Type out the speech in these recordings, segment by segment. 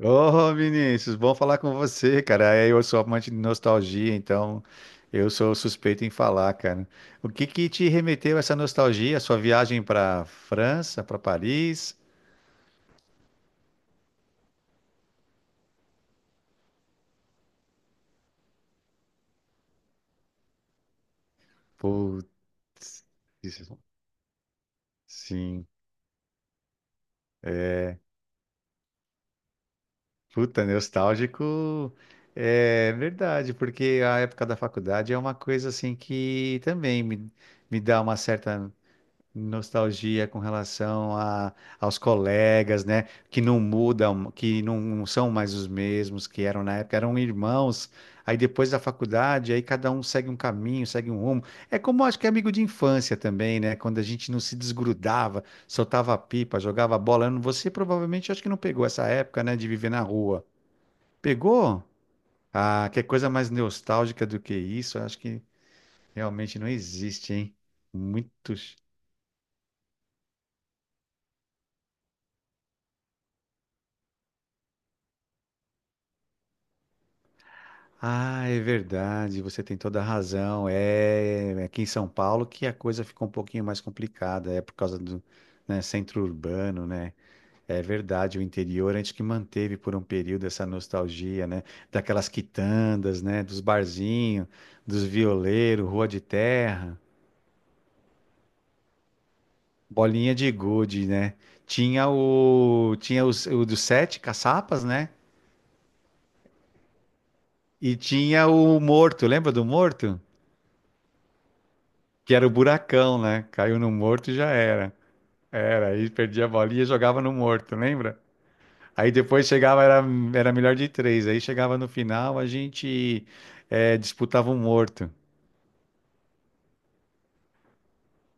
Ô, Vinícius, bom falar com você, cara. Eu sou amante de nostalgia, então eu sou suspeito em falar, cara. O que que te remeteu a essa nostalgia? Sua viagem para França, para Paris? Putz, isso- sim. É, Puta, nostálgico é verdade, porque a época da faculdade é uma coisa assim que também me dá uma certa nostalgia com relação a, aos colegas, né? Que não mudam, que não são mais os mesmos que eram na época, eram irmãos. Aí depois da faculdade, aí cada um segue um caminho, segue um rumo. É como acho que é amigo de infância também, né? Quando a gente não se desgrudava, soltava pipa, jogava bola. Eu não- Você provavelmente acho que não pegou essa época, né? De viver na rua. Pegou? Ah, que coisa mais nostálgica do que isso? Eu acho que realmente não existe, hein? Muito. Ah, é verdade, você tem toda a razão. Aqui em São Paulo que a coisa ficou um pouquinho mais complicada, é por causa né, centro urbano, né? É verdade, o interior antes que manteve por um período essa nostalgia, né? Daquelas quitandas, né? Dos barzinhos, dos violeiros, rua de terra, bolinha de gude, né? Tinha tinha o dos sete caçapas, né? E tinha o morto, lembra do morto? Que era o buracão, né? Caiu no morto e já era. Era, aí perdia a bolinha e jogava no morto, lembra? Aí depois chegava, era melhor de três. Aí chegava no final, a gente disputava um morto.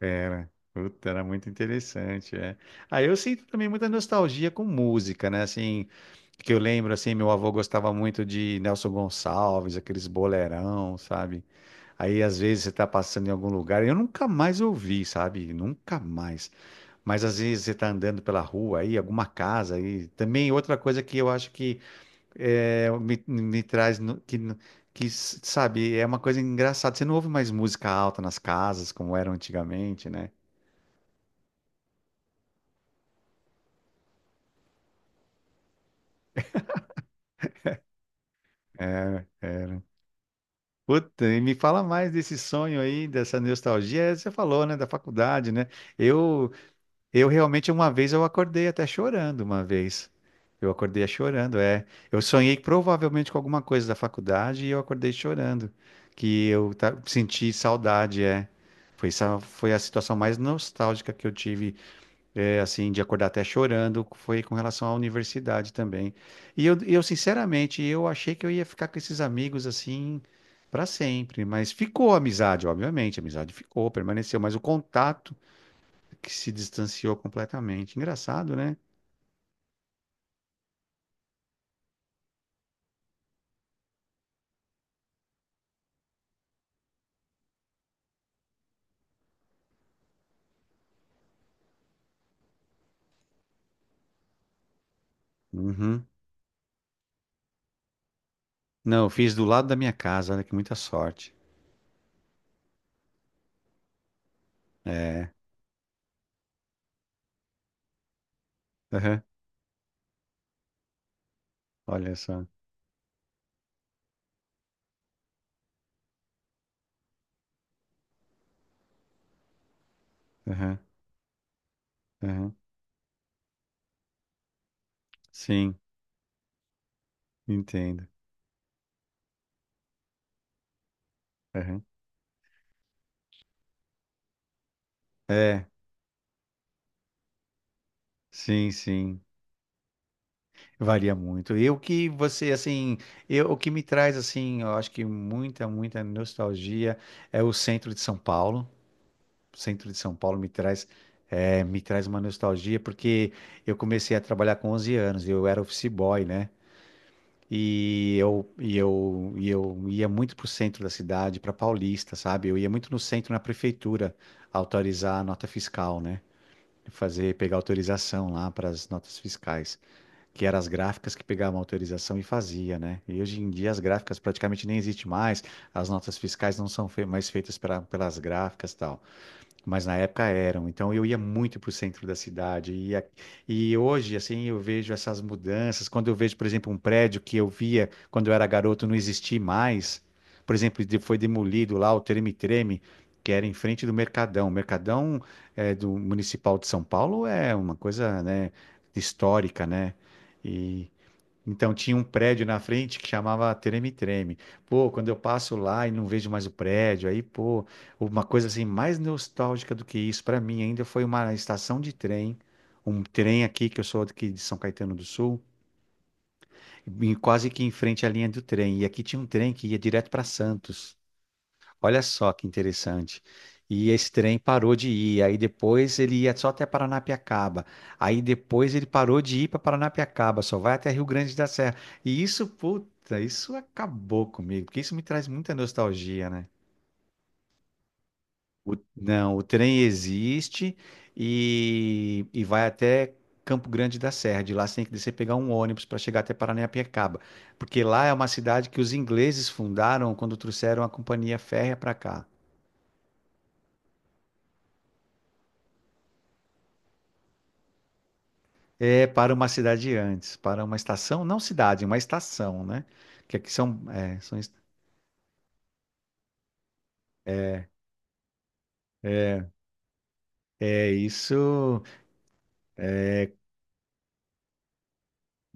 Era, puta, era muito interessante, é. Aí eu sinto também muita nostalgia com música, né? Assim, que eu lembro, assim, meu avô gostava muito de Nelson Gonçalves, aqueles bolerão, sabe? Aí às vezes você tá passando em algum lugar, eu nunca mais ouvi, sabe? Nunca mais. Mas às vezes você tá andando pela rua aí, alguma casa aí. Também outra coisa que eu acho que me traz, sabe, é uma coisa engraçada. Você não ouve mais música alta nas casas, como era antigamente, né? É, puta, e me fala mais desse sonho aí, dessa nostalgia. É, você falou, né, da faculdade, né? Eu, eu realmente uma vez eu acordei até chorando uma vez. Eu acordei chorando, é. Eu sonhei provavelmente com alguma coisa da faculdade e eu acordei chorando, que eu senti saudade, é. Foi a situação mais nostálgica que eu tive é, assim, de acordar até chorando, foi com relação à universidade também. Eu, sinceramente, eu achei que eu ia ficar com esses amigos assim para sempre, mas ficou a amizade, obviamente, a amizade ficou, permaneceu, mas o contato que se distanciou completamente. Engraçado, né? Uhum. Não, eu fiz do lado da minha casa, olha que muita sorte. É, aham. Olha só. Aham, aham. Sim, entendo. Aham. É, sim, sim. Varia muito. E o que você, assim, o que me traz, assim, eu acho que muita nostalgia é o centro de São Paulo. O centro de São Paulo me me traz uma nostalgia, porque eu comecei a trabalhar com 11 anos, eu era office boy, né? E eu ia muito para o centro da cidade, para Paulista, sabe? Eu ia muito no centro, na prefeitura, autorizar a nota fiscal, né? Fazer, pegar autorização lá para as notas fiscais que eram as gráficas que pegavam a autorização e fazia, né? E hoje em dia as gráficas praticamente nem existem mais, as notas fiscais não são fei- mais feitas pelas gráficas e tal, mas na época eram. Então eu ia muito para o centro da cidade. E hoje, assim, eu vejo essas mudanças. Quando eu vejo, por exemplo, um prédio que eu via quando eu era garoto não existir mais, por exemplo, foi demolido lá o Treme-Treme, que era em frente do Mercadão. O Mercadão é, do Municipal de São Paulo é uma coisa, né, histórica, né? Então tinha um prédio na frente que chamava Treme-Treme. Pô, quando eu passo lá e não vejo mais o prédio, aí, pô, uma coisa assim mais nostálgica do que isso para mim ainda foi uma estação de trem, um trem aqui que eu sou aqui de São Caetano do Sul, e quase que em frente à linha do trem. E aqui tinha um trem que ia direto para Santos. Olha só que interessante. E esse trem parou de ir. Aí depois ele ia só até Paranapiacaba. Aí depois ele parou de ir para Paranapiacaba, só vai até Rio Grande da Serra. E isso, puta, isso acabou comigo, porque isso me traz muita nostalgia, né? Não, o trem existe e vai até Campo Grande da Serra. De lá você tem que descer e pegar um ônibus para chegar até Paranapiacaba, porque lá é uma cidade que os ingleses fundaram quando trouxeram a companhia férrea para cá. É para uma cidade antes, para uma estação, não cidade, uma estação, né? Que aqui são, é, são est- é, é isso.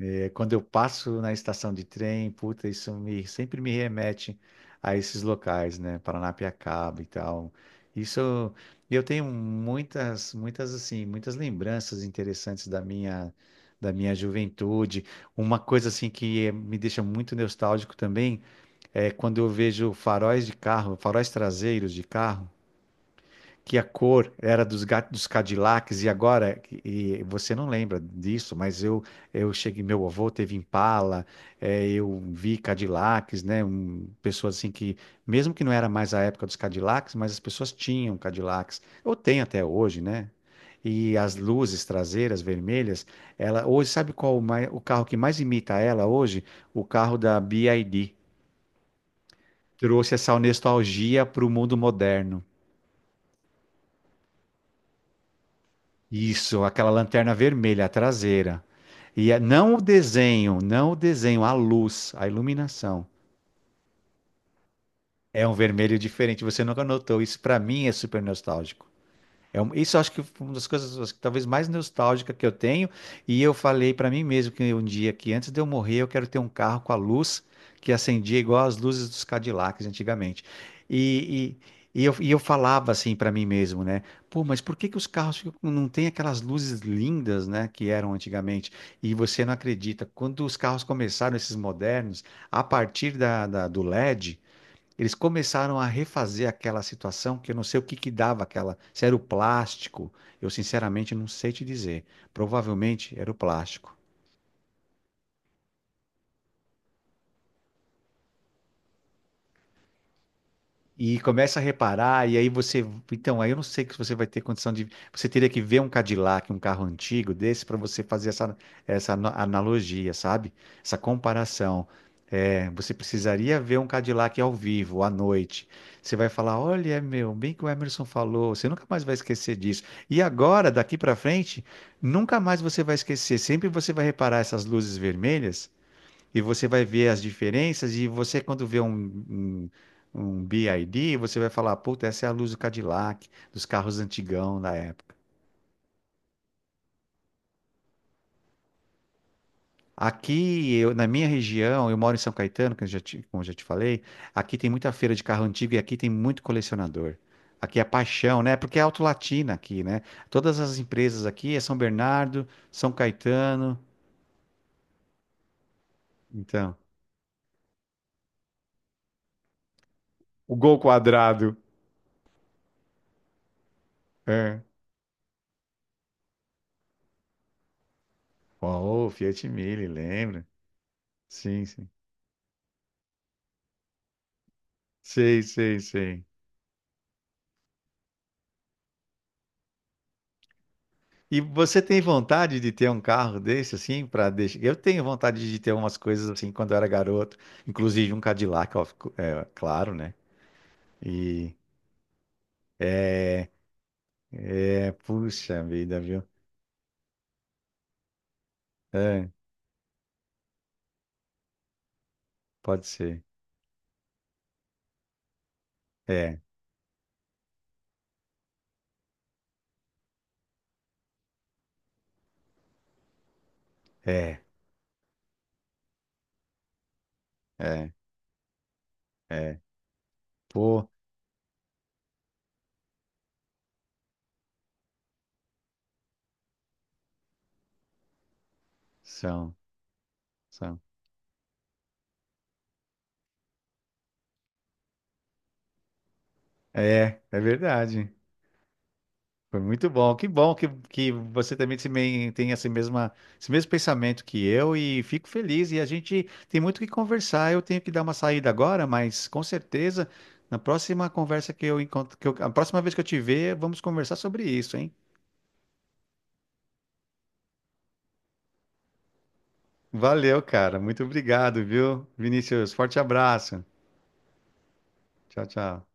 É, quando eu passo na estação de trem, puta, isso me sempre me remete a esses locais, né? Paranapiacaba e tal. Isso, eu tenho muitas assim, muitas lembranças interessantes da minha juventude. Uma coisa assim que me deixa muito nostálgico também é quando eu vejo faróis de carro, faróis traseiros de carro que a cor era dos Cadillacs e agora e você não lembra disso, mas eu cheguei, meu avô teve Impala, eu vi Cadillacs, né, um, pessoas assim que mesmo que não era mais a época dos Cadillacs, mas as pessoas tinham Cadillacs, ou tem até hoje, né? E as luzes traseiras vermelhas, ela hoje sabe qual o carro que mais imita ela hoje? O carro da BYD. Trouxe essa nostalgia para o mundo moderno. Isso, aquela lanterna vermelha, a traseira. Não o desenho, não o desenho, a luz, a iluminação. É um vermelho diferente. Você nunca notou. Isso para mim é super nostálgico. Isso eu acho que foi uma das coisas acho que talvez mais nostálgica que eu tenho. E eu falei pra mim mesmo que um dia que antes de eu morrer eu quero ter um carro com a luz que acendia igual as luzes dos Cadillacs antigamente. E, e eu falava assim pra mim mesmo, né? Pô, mas por que que os carros não têm aquelas luzes lindas, né, que eram antigamente? E você não acredita, quando os carros começaram, esses modernos, a partir do LED, eles começaram a refazer aquela situação que eu não sei o que que dava aquela. Se era o plástico, eu sinceramente não sei te dizer. Provavelmente era o plástico. E começa a reparar, e aí você. Então, aí eu não sei que você vai ter condição de. Você teria que ver um Cadillac, um carro antigo desse, para você fazer essa analogia, sabe? Essa comparação. É, você precisaria ver um Cadillac ao vivo, à noite. Você vai falar: olha, é meu, bem que o Emerson falou, você nunca mais vai esquecer disso. E agora, daqui para frente, nunca mais você vai esquecer. Sempre você vai reparar essas luzes vermelhas e você vai ver as diferenças. E você, quando vê um, um BID, você vai falar: puta, essa é a luz do Cadillac, dos carros antigão da época. Aqui, eu, na minha região, eu moro em São Caetano, que eu já te, como eu já te falei, aqui tem muita feira de carro antigo e aqui tem muito colecionador. Aqui é paixão, né? Porque é Auto Latina aqui, né? Todas as empresas aqui é São Bernardo, São Caetano, então. O Gol Quadrado. É. Oh, Fiat Mille, lembra? Sim, sim. Sei, sei, sei. E você tem vontade de ter um carro desse, assim, para deixar? Eu tenho vontade de ter umas coisas assim quando eu era garoto, inclusive um Cadillac, ó, claro, né? E é, é, puxa vida, viu? É, pode ser. É, é, é, é. Pô, são, são. É, é verdade. Foi muito bom. Que bom que você também se men- tem esse mesma, esse mesmo pensamento que eu e fico feliz. E a gente tem muito o que conversar. Eu tenho que dar uma saída agora, mas com certeza, na próxima conversa que eu encontro, a próxima vez que eu te ver, vamos conversar sobre isso, hein? Valeu, cara. Muito obrigado, viu? Vinícius, forte abraço. Tchau, tchau.